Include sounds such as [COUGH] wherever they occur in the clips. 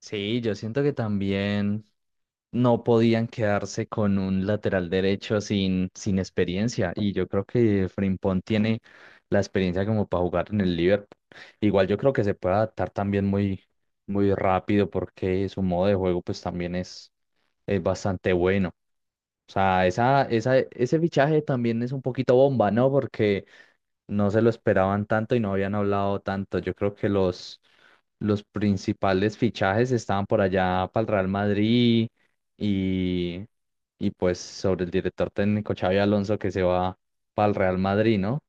Sí, yo siento que también no podían quedarse con un lateral derecho sin experiencia. Y yo creo que Frimpong tiene la experiencia como para jugar en el Liverpool. Igual yo creo que se puede adaptar también muy rápido porque su modo de juego pues también es bastante bueno. O sea, ese fichaje también es un poquito bomba, ¿no? Porque no se lo esperaban tanto y no habían hablado tanto. Yo creo que los principales fichajes estaban por allá para el Real Madrid y, y pues sobre el director técnico Xavi Alonso que se va para el Real Madrid, ¿no?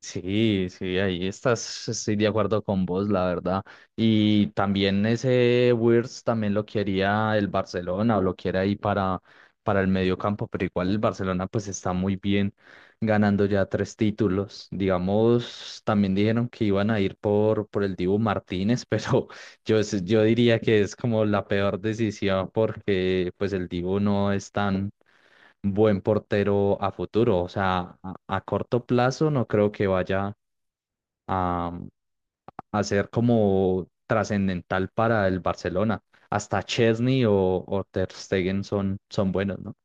Sí, sí, ahí estoy de acuerdo con vos, la verdad. Y también ese Wirtz también lo quería el Barcelona, o lo quiere ahí para el medio campo, pero igual el Barcelona pues está muy bien ganando ya tres títulos. Digamos, también dijeron que iban a ir por el Dibu Martínez, pero [LAUGHS] yo diría que es como la peor decisión porque pues el Dibu no es tan buen portero a futuro. O sea, a corto plazo no creo que vaya a, mm, a ser como trascendental para el Barcelona. Hasta Chesney o Ter Stegen son buenos, ¿no?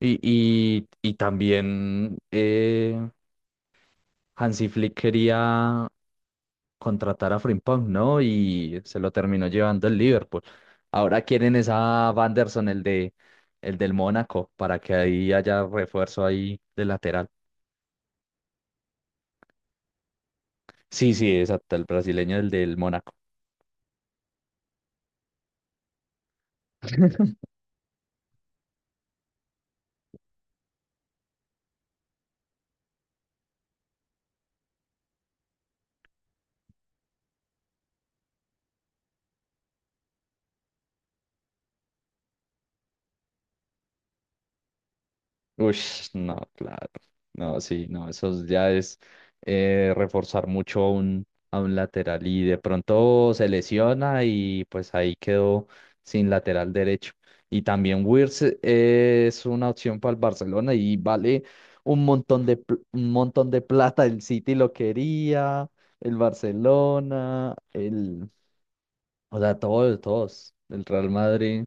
Y también Hansi Flick quería contratar a Frimpong, ¿no? Y se lo terminó llevando el Liverpool. Ahora quieren esa Wanderson, el del Mónaco, para que ahí haya refuerzo ahí de lateral. Sí, sí, exacto, el brasileño, el del Mónaco. Uy, no, claro. No, sí, no, eso ya es reforzar mucho a a un lateral, y de pronto se lesiona y pues ahí quedó sin lateral derecho. Y también Wirtz es una opción para el Barcelona y vale un montón un montón de plata. El City lo quería, el Barcelona, o sea, el Real Madrid.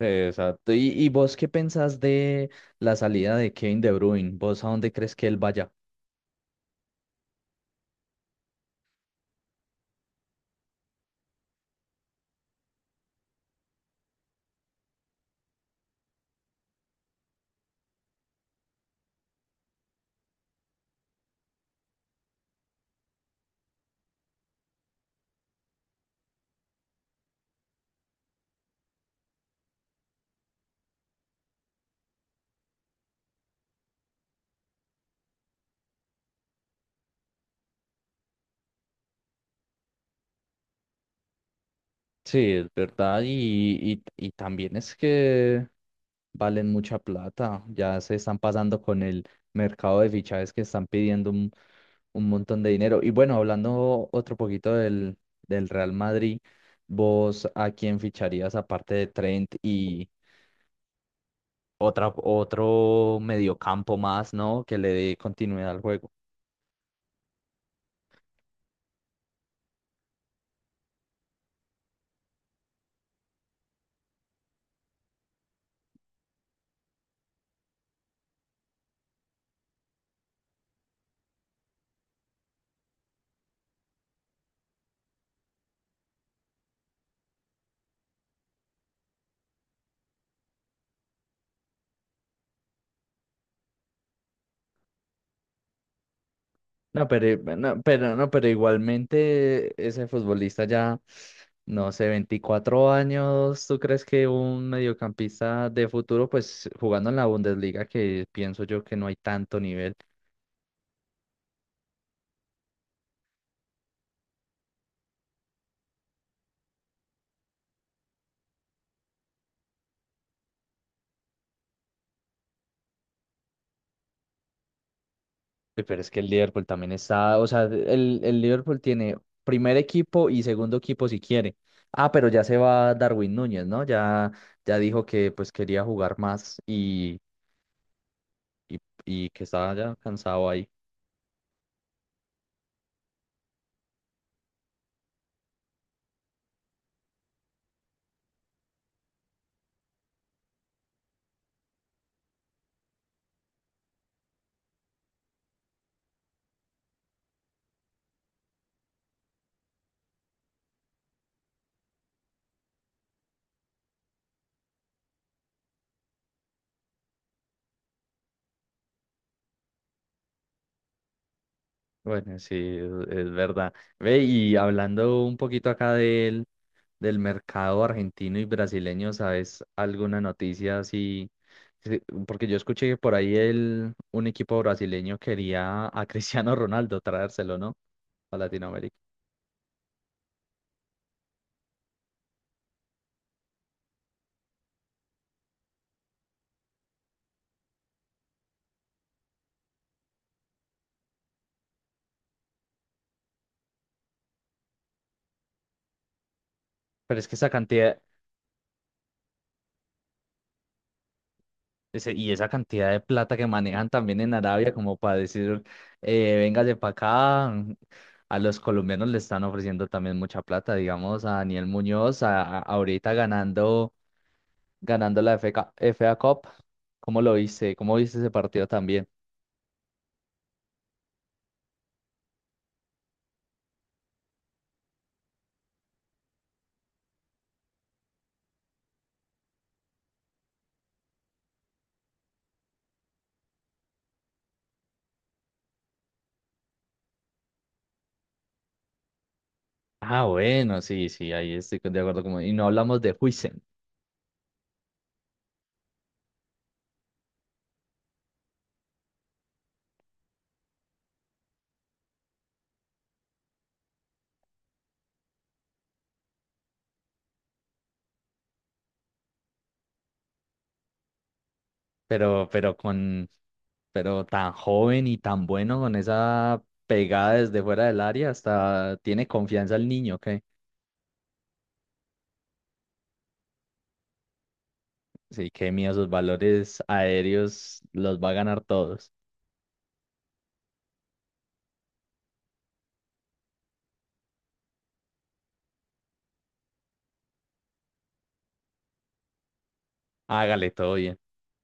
Sí, exacto. ¿Y vos qué pensás de la salida de Kevin De Bruyne? ¿Vos a dónde crees que él vaya? Sí, es verdad. Y también es que valen mucha plata. Ya se están pasando con el mercado de fichajes, que están pidiendo un montón de dinero. Y bueno, hablando otro poquito del Real Madrid, ¿vos a quién ficharías aparte de Trent y otro mediocampo más, ¿no? Que le dé continuidad al juego. No, pero igualmente ese futbolista ya, no sé, 24 años, ¿tú crees que un mediocampista de futuro, pues jugando en la Bundesliga, que pienso yo que no hay tanto nivel? Uy, pero es que el Liverpool también está, o sea, el Liverpool tiene primer equipo y segundo equipo si quiere. Ah, pero ya se va Darwin Núñez, ¿no? Ya, ya dijo que pues quería jugar y, y que estaba ya cansado ahí. Bueno, sí, es verdad. Ve, y hablando un poquito acá del mercado argentino y brasileño, ¿sabes alguna noticia así? Sí, porque yo escuché que por ahí un equipo brasileño quería a [LAUGHS] Cristiano Ronaldo traérselo, ¿no? A Latinoamérica. Pero es que esa cantidad, ese- y esa cantidad de plata que manejan también en Arabia, como para decir, véngase para acá, a los colombianos le están ofreciendo también mucha plata, digamos, a Daniel Muñoz, ahorita ganando, ganando la FK FA Cup. ¿Cómo lo viste? ¿Cómo viste ese partido también? Ah, bueno, sí, sí, ahí estoy de acuerdo. Como y no hablamos de Huijsen, pero, pero con, pero tan joven y tan bueno con esa pegada desde fuera del área, hasta tiene confianza el niño. Que sí, qué mío, sus valores aéreos los va a ganar todos. Hágale todo bien.